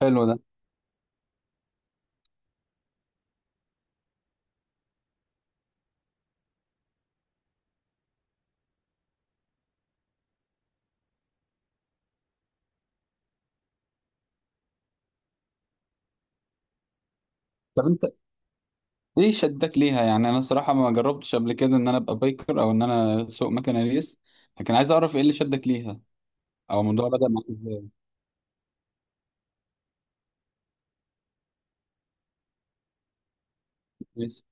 حلو ده. طب انت ايه شدك ليها؟ يعني انا الصراحه ما جربتش قبل كده ان انا ابقى بايكر او ان انا اسوق مكنه ريس، لكن عايز اعرف ايه اللي شدك ليها او الموضوع بدأ معاك ازاي. ماشي.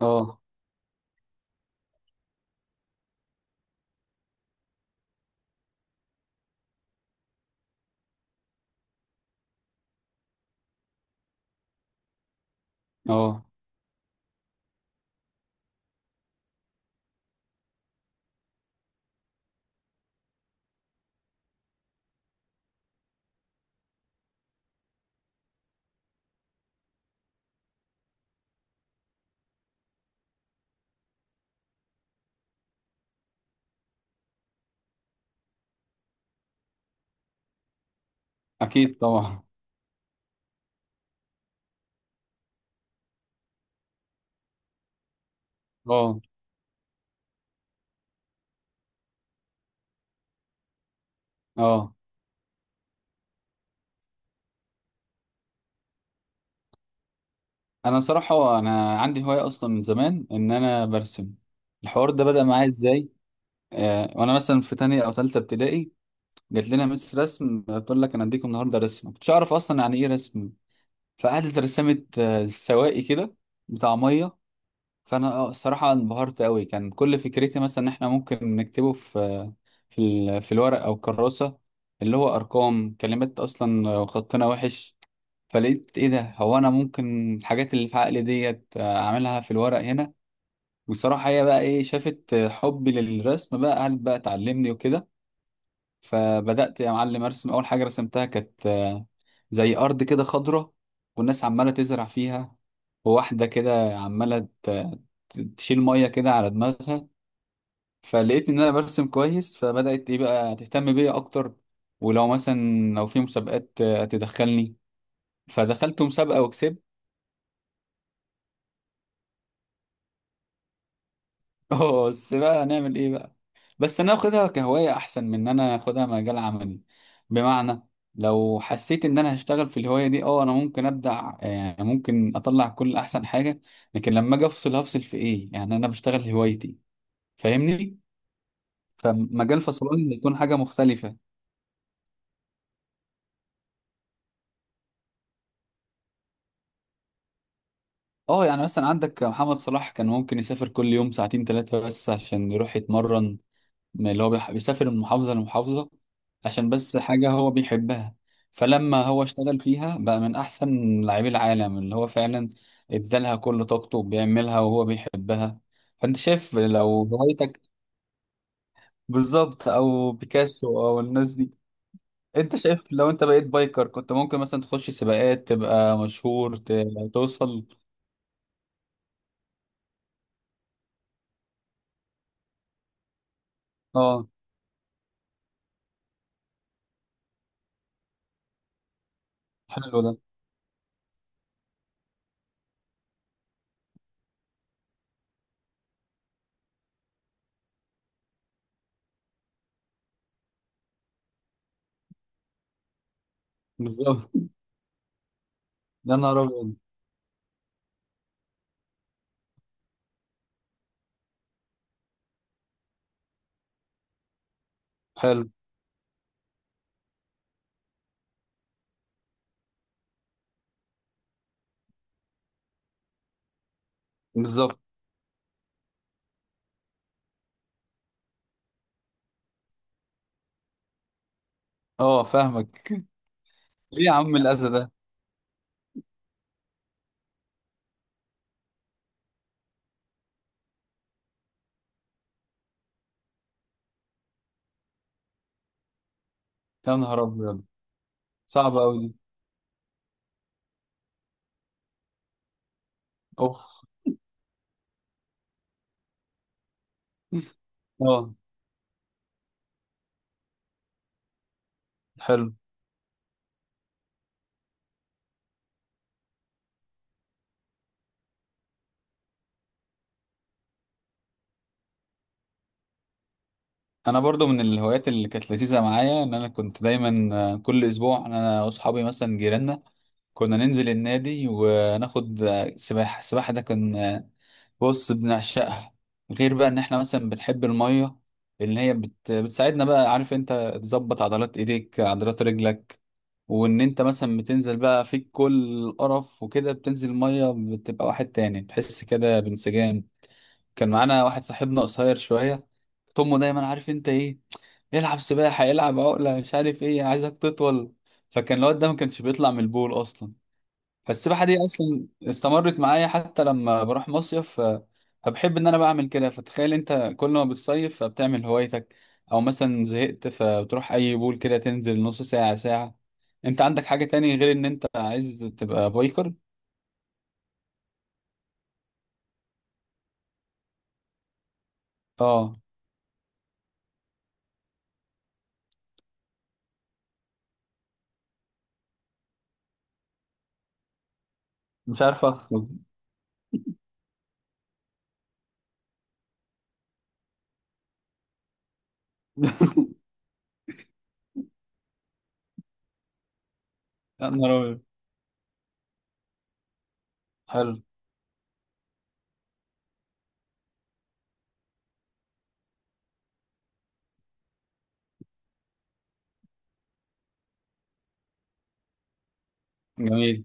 اه. اه. اكيد طبعا. اه. اه. انا صراحه انا عندي هوايه اصلا من زمان ان انا برسم. الحوار ده بدأ معايا ازاي؟ وانا مثلا في تانية او تالتة ابتدائي جات لنا مس رسم بتقول لك انا اديكم النهارده رسم، ما كنتش اعرف اصلا يعني ايه رسم. فقعدت رسمت سواقي كده بتاع ميه. فانا الصراحه انبهرت قوي. كان كل فكرتي مثلا ان احنا ممكن نكتبه في في الورق او الكراسه، اللي هو ارقام كلمات، اصلا خطنا وحش. فلقيت ايه ده، هو انا ممكن الحاجات اللي في عقلي ديت اعملها في الورق هنا. وصراحه هي بقى ايه، شافت حبي للرسم بقى قعدت بقى تعلمني وكده. فبدأت يا معلم أرسم. أول حاجة رسمتها كانت زي أرض كده خضرة والناس عمالة تزرع فيها، وواحدة كده عمالة تشيل مية كده على دماغها. فلقيت إن أنا برسم كويس، فبدأت إيه بقى تهتم بيا أكتر، ولو مثلا لو في مسابقات تدخلني. فدخلت مسابقة وكسبت. بس بقى هنعمل إيه بقى؟ بس انا اخدها كهواية احسن من ان انا اخدها مجال عملي. بمعنى، لو حسيت ان انا هشتغل في الهواية دي، اه انا ممكن ابدع، يعني ممكن اطلع كل احسن حاجة، لكن لما اجي افصل هفصل في ايه؟ يعني انا بشتغل هوايتي، فاهمني؟ فمجال فصلان يكون حاجة مختلفة. اه، يعني مثلا عندك محمد صلاح، كان ممكن يسافر كل يوم ساعتين ثلاثة بس عشان يروح يتمرن. ما اللي هو بيسافر من محافظة لمحافظة عشان بس حاجة هو بيحبها. فلما هو اشتغل فيها بقى من أحسن لاعبي العالم، اللي هو فعلا ادالها كل طاقته، بيعملها وهو بيحبها. فأنت شايف لو هوايتك. بالظبط، أو بيكاسو أو الناس دي. أنت شايف لو أنت بقيت بايكر كنت ممكن مثلا تخش سباقات، تبقى مشهور، توصل. اه. حلو ده. بالظبط. يا نهار أبيض. حلو. بالظبط. اه، فاهمك. ليه يا عم الأذى ده؟ يا نهار أبيض. صعبة أوي دي. أوه. أه. حلو. أنا برضو من الهوايات اللي كانت لذيذة معايا إن أنا كنت دايما كل أسبوع أنا وأصحابي مثلا جيراننا كنا ننزل النادي وناخد سباحة. السباحة ده كان بص بنعشقها. غير بقى إن إحنا مثلا بنحب المية، إن هي بتساعدنا بقى، عارف أنت، تظبط عضلات إيديك عضلات رجلك. وإن أنت مثلا بتنزل بقى فيك كل القرف وكده، بتنزل المية بتبقى واحد تاني، تحس كده بانسجام. كان معانا واحد صاحبنا قصير شوية، طمه دايما عارف انت ايه، العب سباحة، العب عقلة، مش عارف ايه، عايزك تطول. فكان الواد ده ما كانش بيطلع من البول اصلا. فالسباحة دي اصلا استمرت معايا حتى لما بروح مصيف، فبحب ان انا بعمل كده. فتخيل انت كل ما بتصيف فبتعمل هوايتك، او مثلا زهقت فبتروح اي بول كده تنزل نص ساعة ساعة. انت عندك حاجة تاني غير ان انت عايز تبقى بايكر؟ اه. مش عارف اخرج. يا نهار أبيض. حلو. جميل.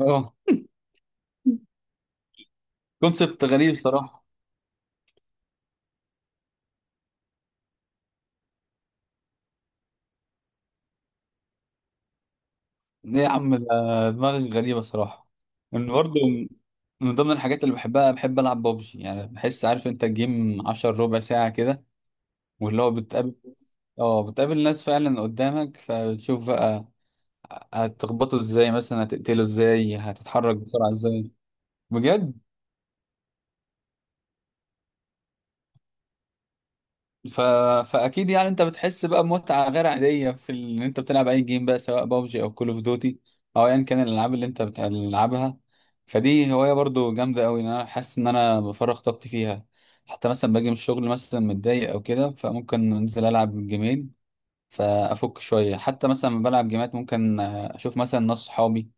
اه، كونسبت غريب صراحة. ايه يا عم ده، دماغك غريبة صراحة. ان برضه من ضمن الحاجات اللي بحبها، بحب العب بابجي. يعني بحس، عارف انت، الجيم 10 ربع ساعة كده. واللي هو بتقابل. اه، بتقابل ناس فعلا قدامك، فبتشوف بقى هتخبطه ازاي، مثلا هتقتله ازاي، هتتحرك بسرعة ازاي. بجد. ف... فاكيد يعني انت بتحس بقى بمتعه غير عاديه ان انت بتلعب اي جيم بقى، سواء بابجي او كول اوف دوتي او ايا كان الالعاب اللي انت بتلعبها. فدي هوايه برضو جامده قوي، ان انا حاسس ان انا بفرغ طاقتي فيها. حتى مثلا باجي من الشغل مثلا متضايق او كده، فممكن انزل العب جيمين فافك شويه. حتى مثلا لما بلعب جيمات ممكن اشوف مثلا ناس صحابي.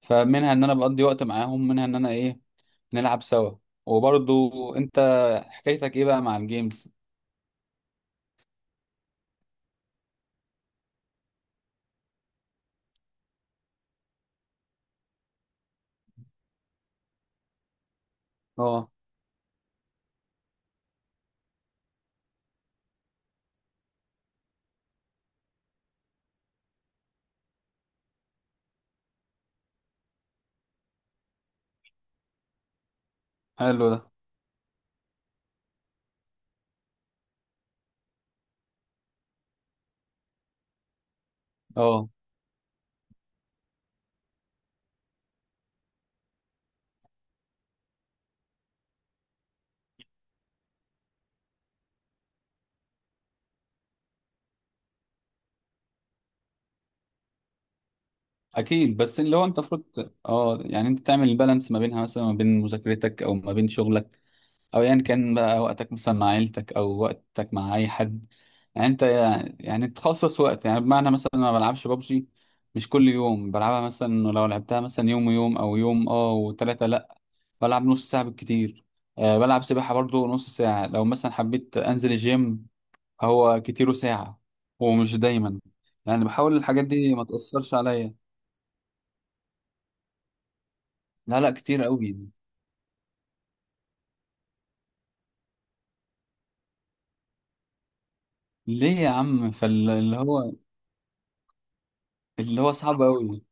فمنها ان انا بقضي وقت معاهم، منها ان انا ايه، نلعب سوا. وبرضو انت، حكايتك ايه بقى مع الجيمز؟ اه. حلو ده. اه اكيد. بس اللي هو انت المفروض، اه، يعني انت تعمل البالانس ما بينها، مثلا ما بين مذاكرتك او ما بين شغلك، او ايا يعني كان بقى وقتك مثلا مع عيلتك او وقتك مع اي حد. يعني انت يعني تخصص وقت. يعني بمعنى مثلا أنا ما بلعبش بابجي، مش كل يوم بلعبها. مثلا لو لعبتها مثلا يوم ويوم او يوم اه وثلاثة، لا، بلعب نص ساعة بالكتير. أه بلعب سباحة برضو نص ساعة. لو مثلا حبيت انزل الجيم، هو كتيره ساعة، ومش دايما. يعني بحاول الحاجات دي ما تأثرش عليا. لا لا، كتير قوي. ليه يا عم؟ فاللي هو، اللي هو صعب قوي.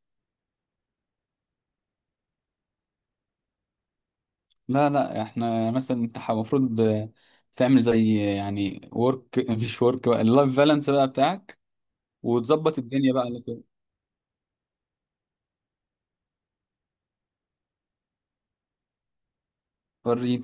لا لا، احنا مثلا انت المفروض تعمل زي يعني ورك، مش ورك بقى، اللايف بالانس بقى بتاعك، وتظبط الدنيا بقى على كده. وريني.